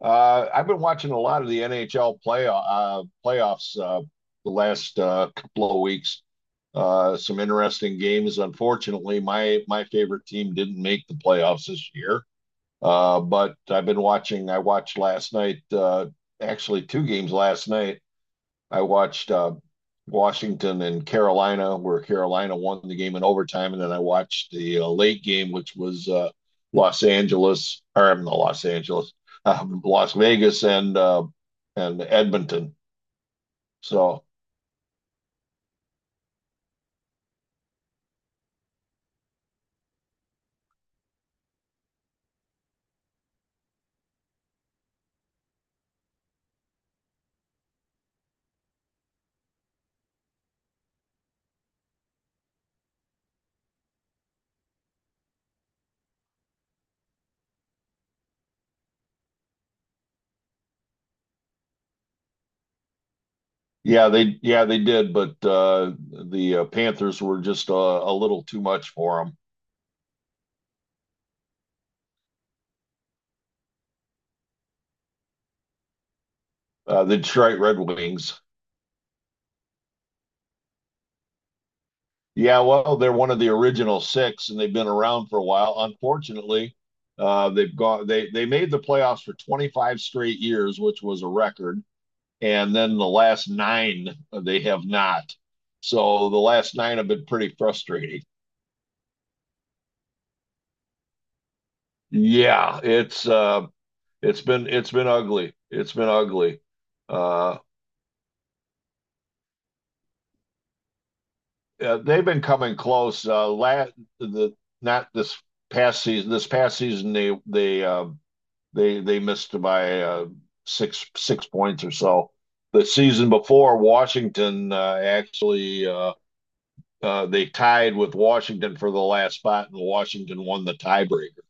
I've been watching a lot of the NHL playoffs the last couple of weeks. Some interesting games. Unfortunately, my favorite team didn't make the playoffs this year. But I've been watching. I watched last night. Actually, two games last night. I watched Washington and Carolina, where Carolina won the game in overtime, and then I watched the late game, which was Los Angeles, or not Los Angeles, Las Vegas and Edmonton. So yeah they did, but the Panthers were just a little too much for them. The Detroit Red Wings. Yeah, well, they're one of the original six, and they've been around for a while. Unfortunately, they've gone. They made the playoffs for 25 straight years, which was a record. And then the last nine, they have not. So the last nine have been pretty frustrating. Yeah, it's been ugly. It's been ugly. Uh, they've been coming close. Last the not this Past season. This past season, they missed by six points or so. The season before, Washington actually they tied with Washington for the last spot, and Washington won the tiebreaker.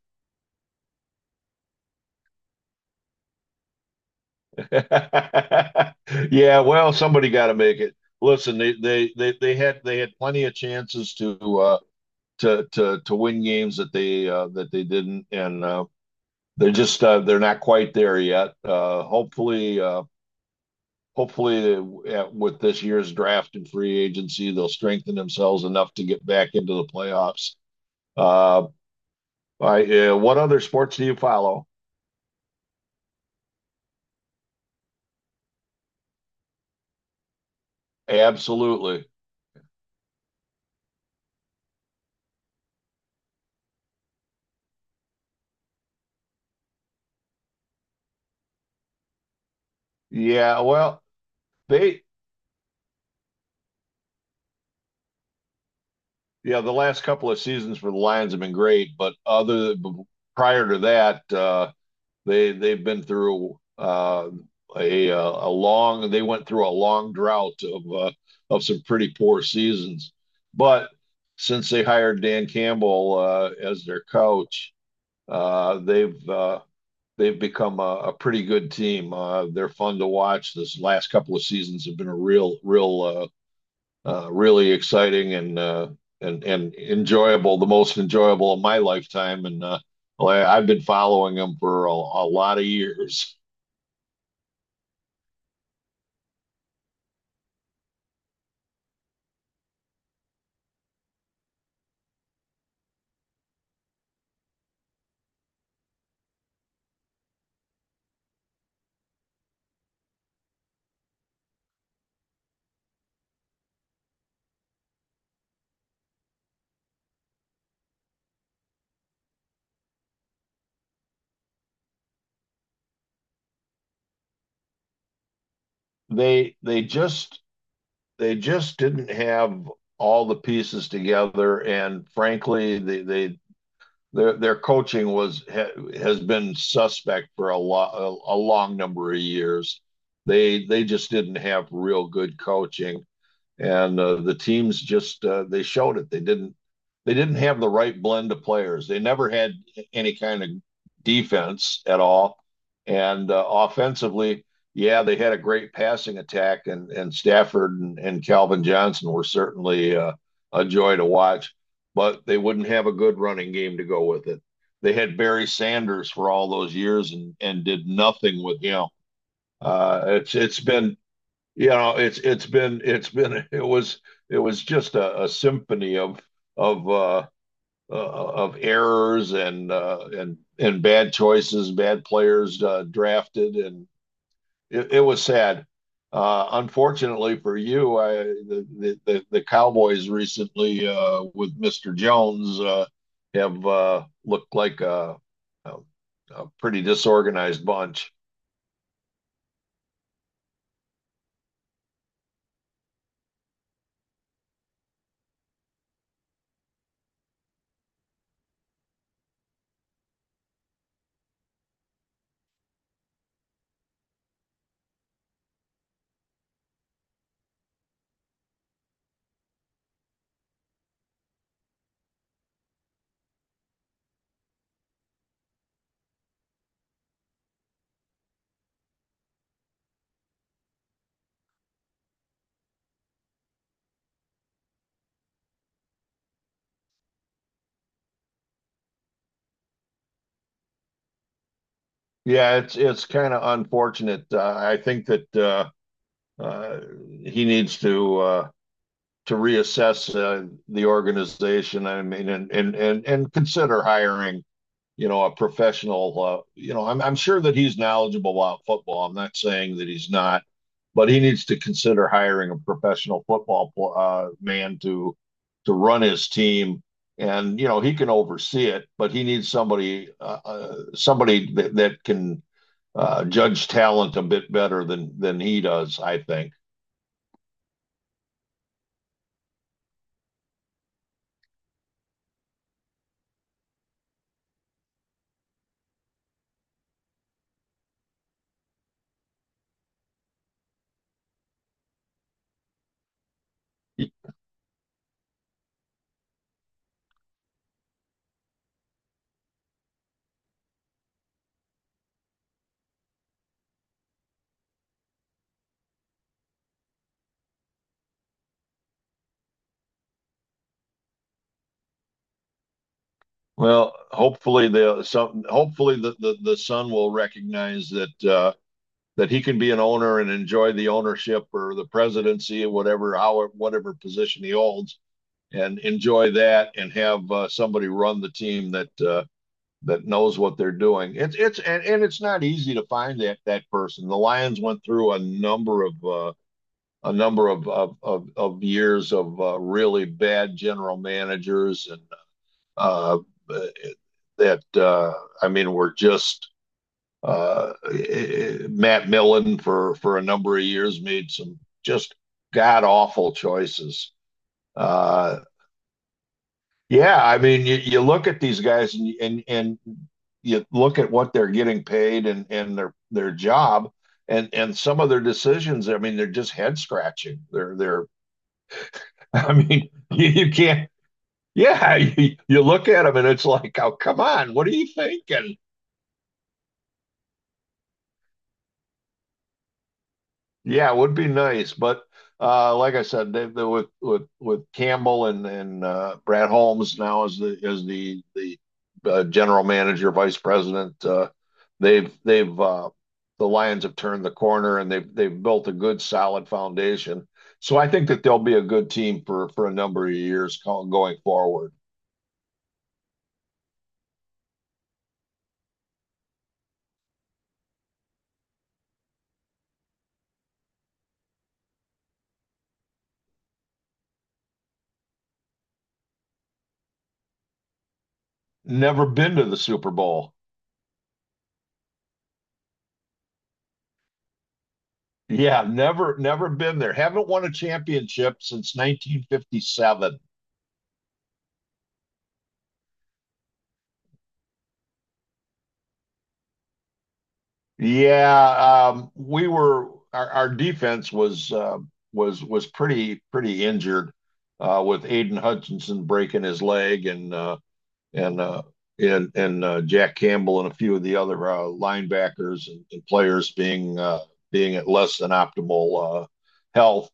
Yeah, well, somebody got to make it. Listen, they had plenty of chances to to win games that they didn't, and they're just they're not quite there yet. Hopefully. Hopefully with this year's draft and free agency, they'll strengthen themselves enough to get back into the playoffs. Uh, what other sports do you follow? Absolutely. Yeah, well, they yeah, the last couple of seasons for the Lions have been great, but other prior to that, they've been through a long they went through a long drought of some pretty poor seasons, but since they hired Dan Campbell as their coach, uh, they've uh, they've become a pretty good team. They're fun to watch. This last couple of seasons have been a really exciting and and enjoyable, the most enjoyable of my lifetime. And well, I've been following them for a lot of years. They just didn't have all the pieces together, and frankly, they their coaching has been suspect for a long number of years. They just didn't have real good coaching. And the teams just they showed it. They didn't have the right blend of players. They never had any kind of defense at all, and offensively, yeah, they had a great passing attack, and Stafford and Calvin Johnson were certainly a joy to watch, but they wouldn't have a good running game to go with it. They had Barry Sanders for all those years and did nothing with him. It's been, it's been, it's been, it was, it was just a symphony of of uh, of errors and and bad choices, bad players drafted. And it was sad. Uh unfortunately for you, I, the, Cowboys recently with Mr. Jones have looked like a, a pretty disorganized bunch. Yeah, it's kind of unfortunate. I think that uh, he needs to reassess the organization. I mean, and consider hiring, you know, a professional. You know, I'm sure that he's knowledgeable about football. I'm not saying that he's not, but he needs to consider hiring a professional football man to run his team. And you know, he can oversee it, but he needs somebody somebody that can judge talent a bit better than he does, I think. Well, hopefully the son will recognize that that he can be an owner and enjoy the ownership or the presidency or whatever position he holds and enjoy that and have somebody run the team that that knows what they're doing. It's And, it's not easy to find that person. The Lions went through a number of of years of really bad general managers and uh, that I mean were just uh, Matt Millen for a number of years made some just god awful choices. Uh, Yeah, I mean, you look at these guys and you look at what they're getting paid and their job and some of their decisions. I mean, they're just head scratching. They're they're. I mean, you can't. Yeah, you look at them and it's like, oh, come on, what are you thinking? Yeah, it would be nice, but like I said, with Campbell and Brad Holmes now as the general manager, vice president, they've they've uh, the Lions have turned the corner and they've built a good solid foundation. So I think that they'll be a good team for a number of years going forward. Never been to the Super Bowl. Yeah, never been there. Haven't won a championship since 1957. Yeah, we were our defense was was pretty injured with Aiden Hutchinson breaking his leg and and uh, Jack Campbell and a few of the other linebackers and players being being at less than optimal health.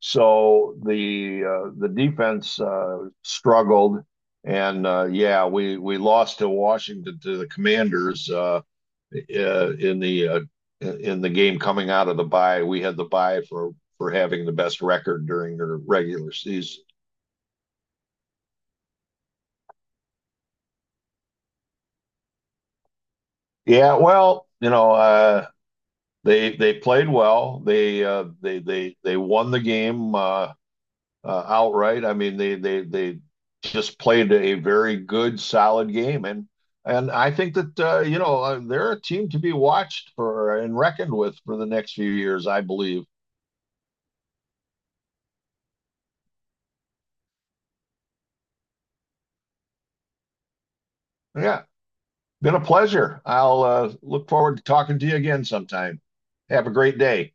So the defense struggled, and yeah, we lost to Washington, to the Commanders, uh, in the uh, in the game coming out of the bye. We had the bye for having the best record during their regular season. Yeah, well, you know, they played well. They they won the game outright. I mean, they they just played a very good, solid game, and I think that they're a team to be watched for and reckoned with for the next few years, I believe. Yeah, been a pleasure. I'll look forward to talking to you again sometime. Have a great day.